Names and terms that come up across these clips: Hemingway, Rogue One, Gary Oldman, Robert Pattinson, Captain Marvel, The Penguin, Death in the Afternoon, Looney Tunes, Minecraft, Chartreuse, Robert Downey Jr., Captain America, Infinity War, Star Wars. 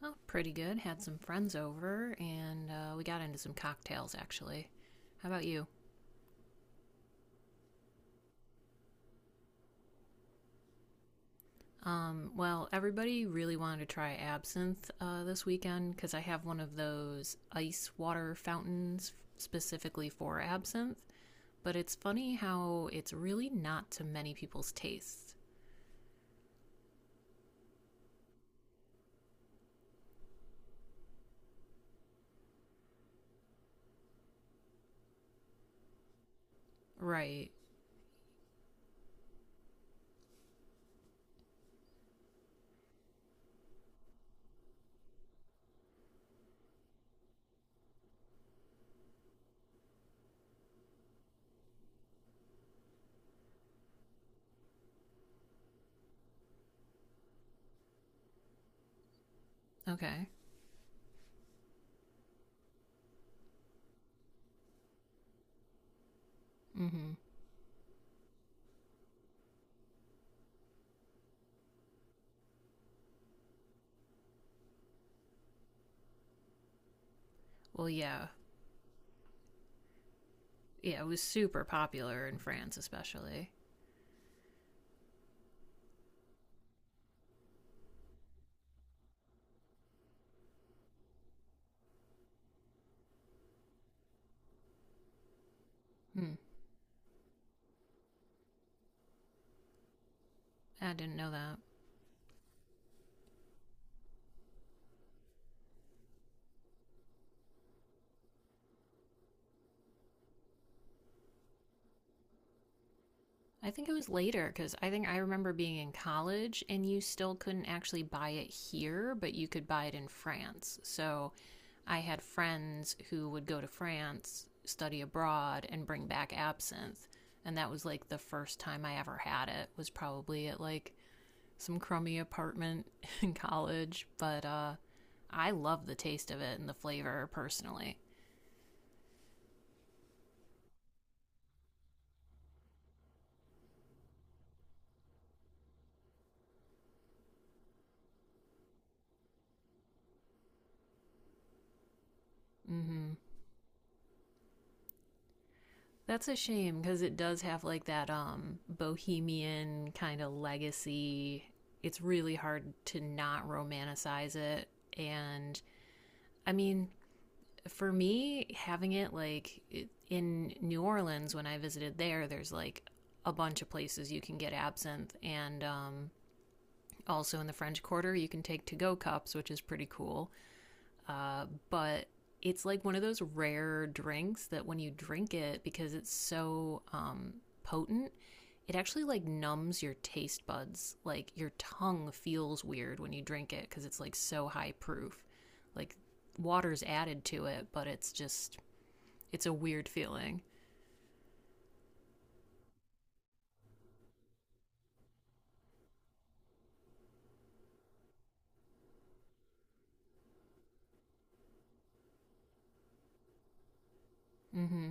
Well, pretty good. Had some friends over, and we got into some cocktails actually. How about you? Well, everybody really wanted to try absinthe this weekend because I have one of those ice water fountains specifically for absinthe. But it's funny how it's really not to many people's tastes. Right. Okay. Mm hmm. Well, yeah. Yeah, it was super popular in France, especially. Hmm. I didn't know that. I think it was later because I think I remember being in college and you still couldn't actually buy it here, but you could buy it in France. So I had friends who would go to France, study abroad, and bring back absinthe. And that was like the first time I ever had it, was probably at like some crummy apartment in college. But I love the taste of it and the flavor personally. Mm hmm. That's a shame because it does have like that bohemian kind of legacy. It's really hard to not romanticize it, and I mean, for me, having it like in New Orleans when I visited there, there's like a bunch of places you can get absinthe, and also in the French Quarter you can take to go cups, which is pretty cool. uh, but it's like one of those rare drinks that when you drink it, because it's so potent, it actually like numbs your taste buds. Like your tongue feels weird when you drink it because it's like so high proof. Like water's added to it, but it's just, it's a weird feeling. Mm hmm.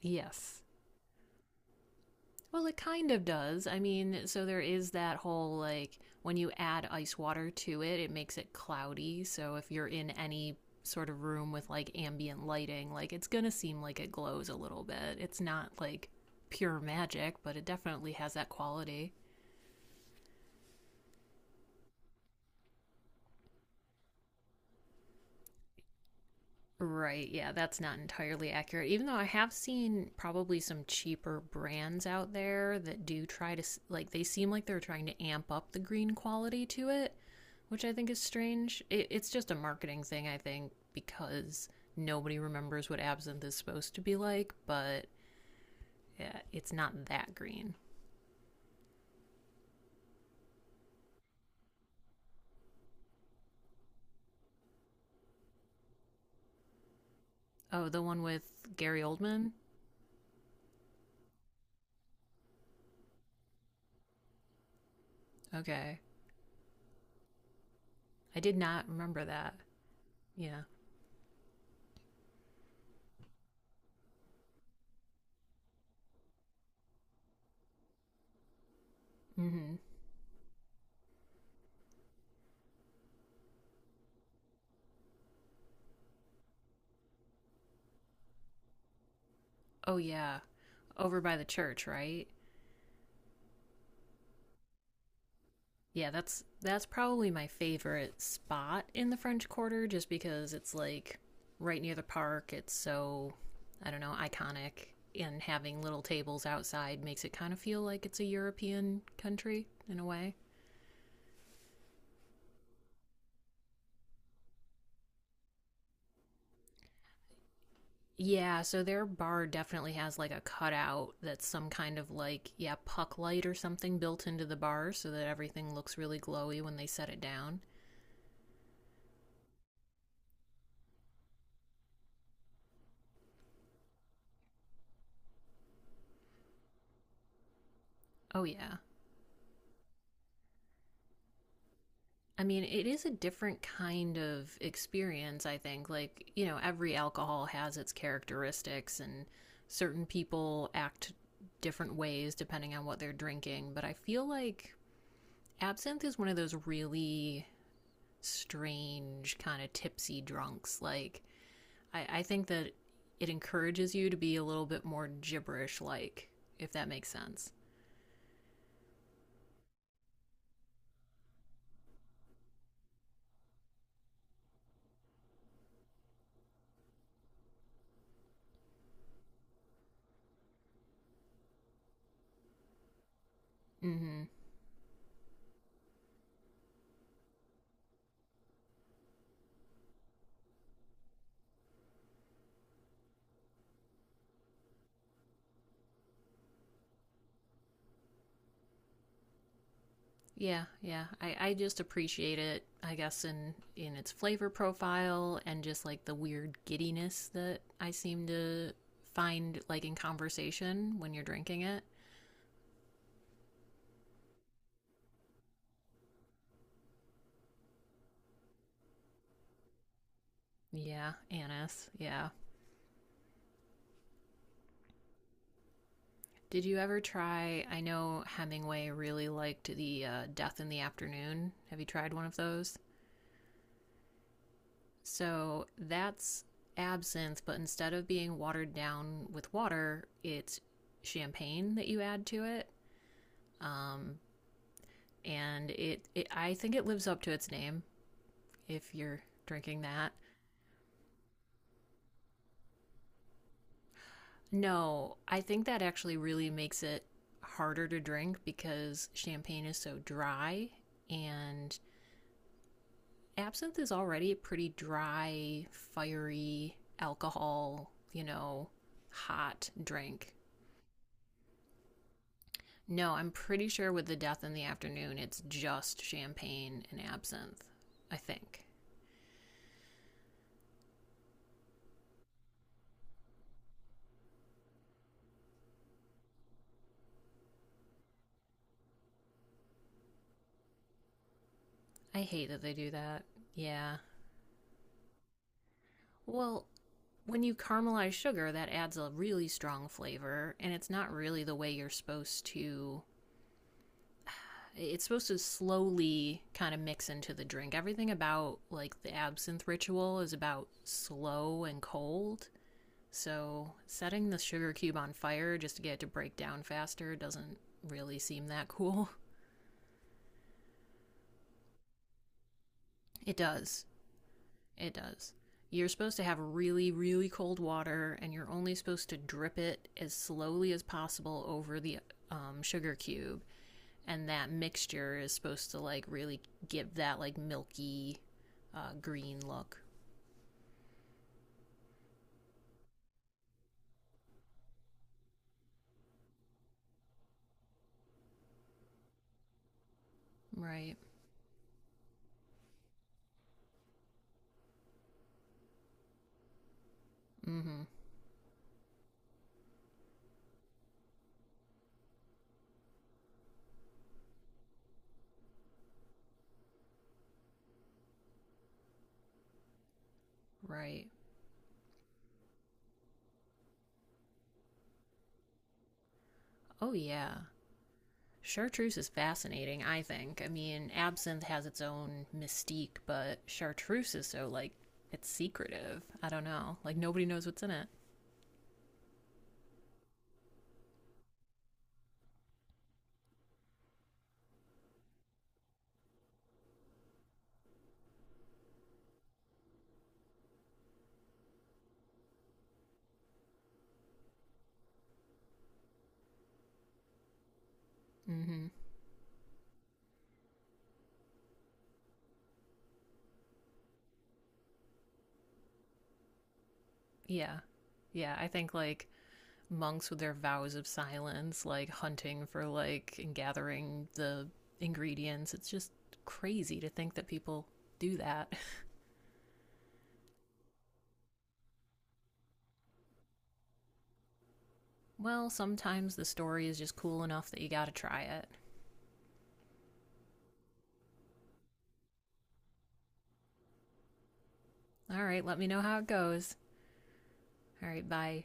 Yes. Well, it kind of does. I mean, so there is that whole like when you add ice water to it, it makes it cloudy. So if you're in any sort of room with like ambient lighting, like it's going to seem like it glows a little bit. It's not like pure magic, but it definitely has that quality. Right, yeah, that's not entirely accurate. Even though I have seen probably some cheaper brands out there that do try to, like, they seem like they're trying to amp up the green quality to it, which I think is strange. It's just a marketing thing, I think, because nobody remembers what absinthe is supposed to be like, but yeah, it's not that green. Oh, the one with Gary Oldman? Okay. I did not remember that. Yeah. Mm hmm. Oh, yeah. Over by the church, right? Yeah, that's probably my favorite spot in the French Quarter just because it's like right near the park. It's so, I don't know, iconic, and having little tables outside makes it kind of feel like it's a European country in a way. Yeah, so their bar definitely has like a cutout that's some kind of like, yeah, puck light or something built into the bar so that everything looks really glowy when they set it down. Oh, yeah. I mean, it is a different kind of experience, I think. Like, you know, every alcohol has its characteristics, and certain people act different ways depending on what they're drinking. But I feel like absinthe is one of those really strange, kind of tipsy drunks. Like, I think that it encourages you to be a little bit more gibberish like, if that makes sense. Mm hmm. Yeah, yeah. I just appreciate it, I guess, in its flavor profile and just like the weird giddiness that I seem to find like in conversation when you're drinking it. Yeah, anise. Yeah. Did you ever try? I know Hemingway really liked the Death in the Afternoon. Have you tried one of those? So that's absinthe, but instead of being watered down with water, it's champagne that you add to it. Um, and it, I think it lives up to its name if you're drinking that. No, I think that actually really makes it harder to drink because champagne is so dry and absinthe is already a pretty dry, fiery alcohol, you know, hot drink. No, I'm pretty sure with the Death in the Afternoon, it's just champagne and absinthe, I think. I hate that they do that. Yeah. Well, when you caramelize sugar, that adds a really strong flavor, and it's not really the way you're supposed to. It's supposed to slowly kind of mix into the drink. Everything about like the absinthe ritual is about slow and cold. So setting the sugar cube on fire just to get it to break down faster doesn't really seem that cool. It does. It does. You're supposed to have really, really cold water, and you're only supposed to drip it as slowly as possible over the sugar cube. And that mixture is supposed to like really give that like milky green look. Right. Mm hmm. Right. Oh, yeah. Chartreuse is fascinating, I think. I mean, absinthe has its own mystique, but chartreuse is so like, it's secretive. I don't know. Like, nobody knows what's in it. Mm hmm. Yeah. Yeah, I think like monks with their vows of silence, like hunting for like and gathering the ingredients. It's just crazy to think that people do that. Well, sometimes the story is just cool enough that you gotta try it. All right, let me know how it goes. All right, bye.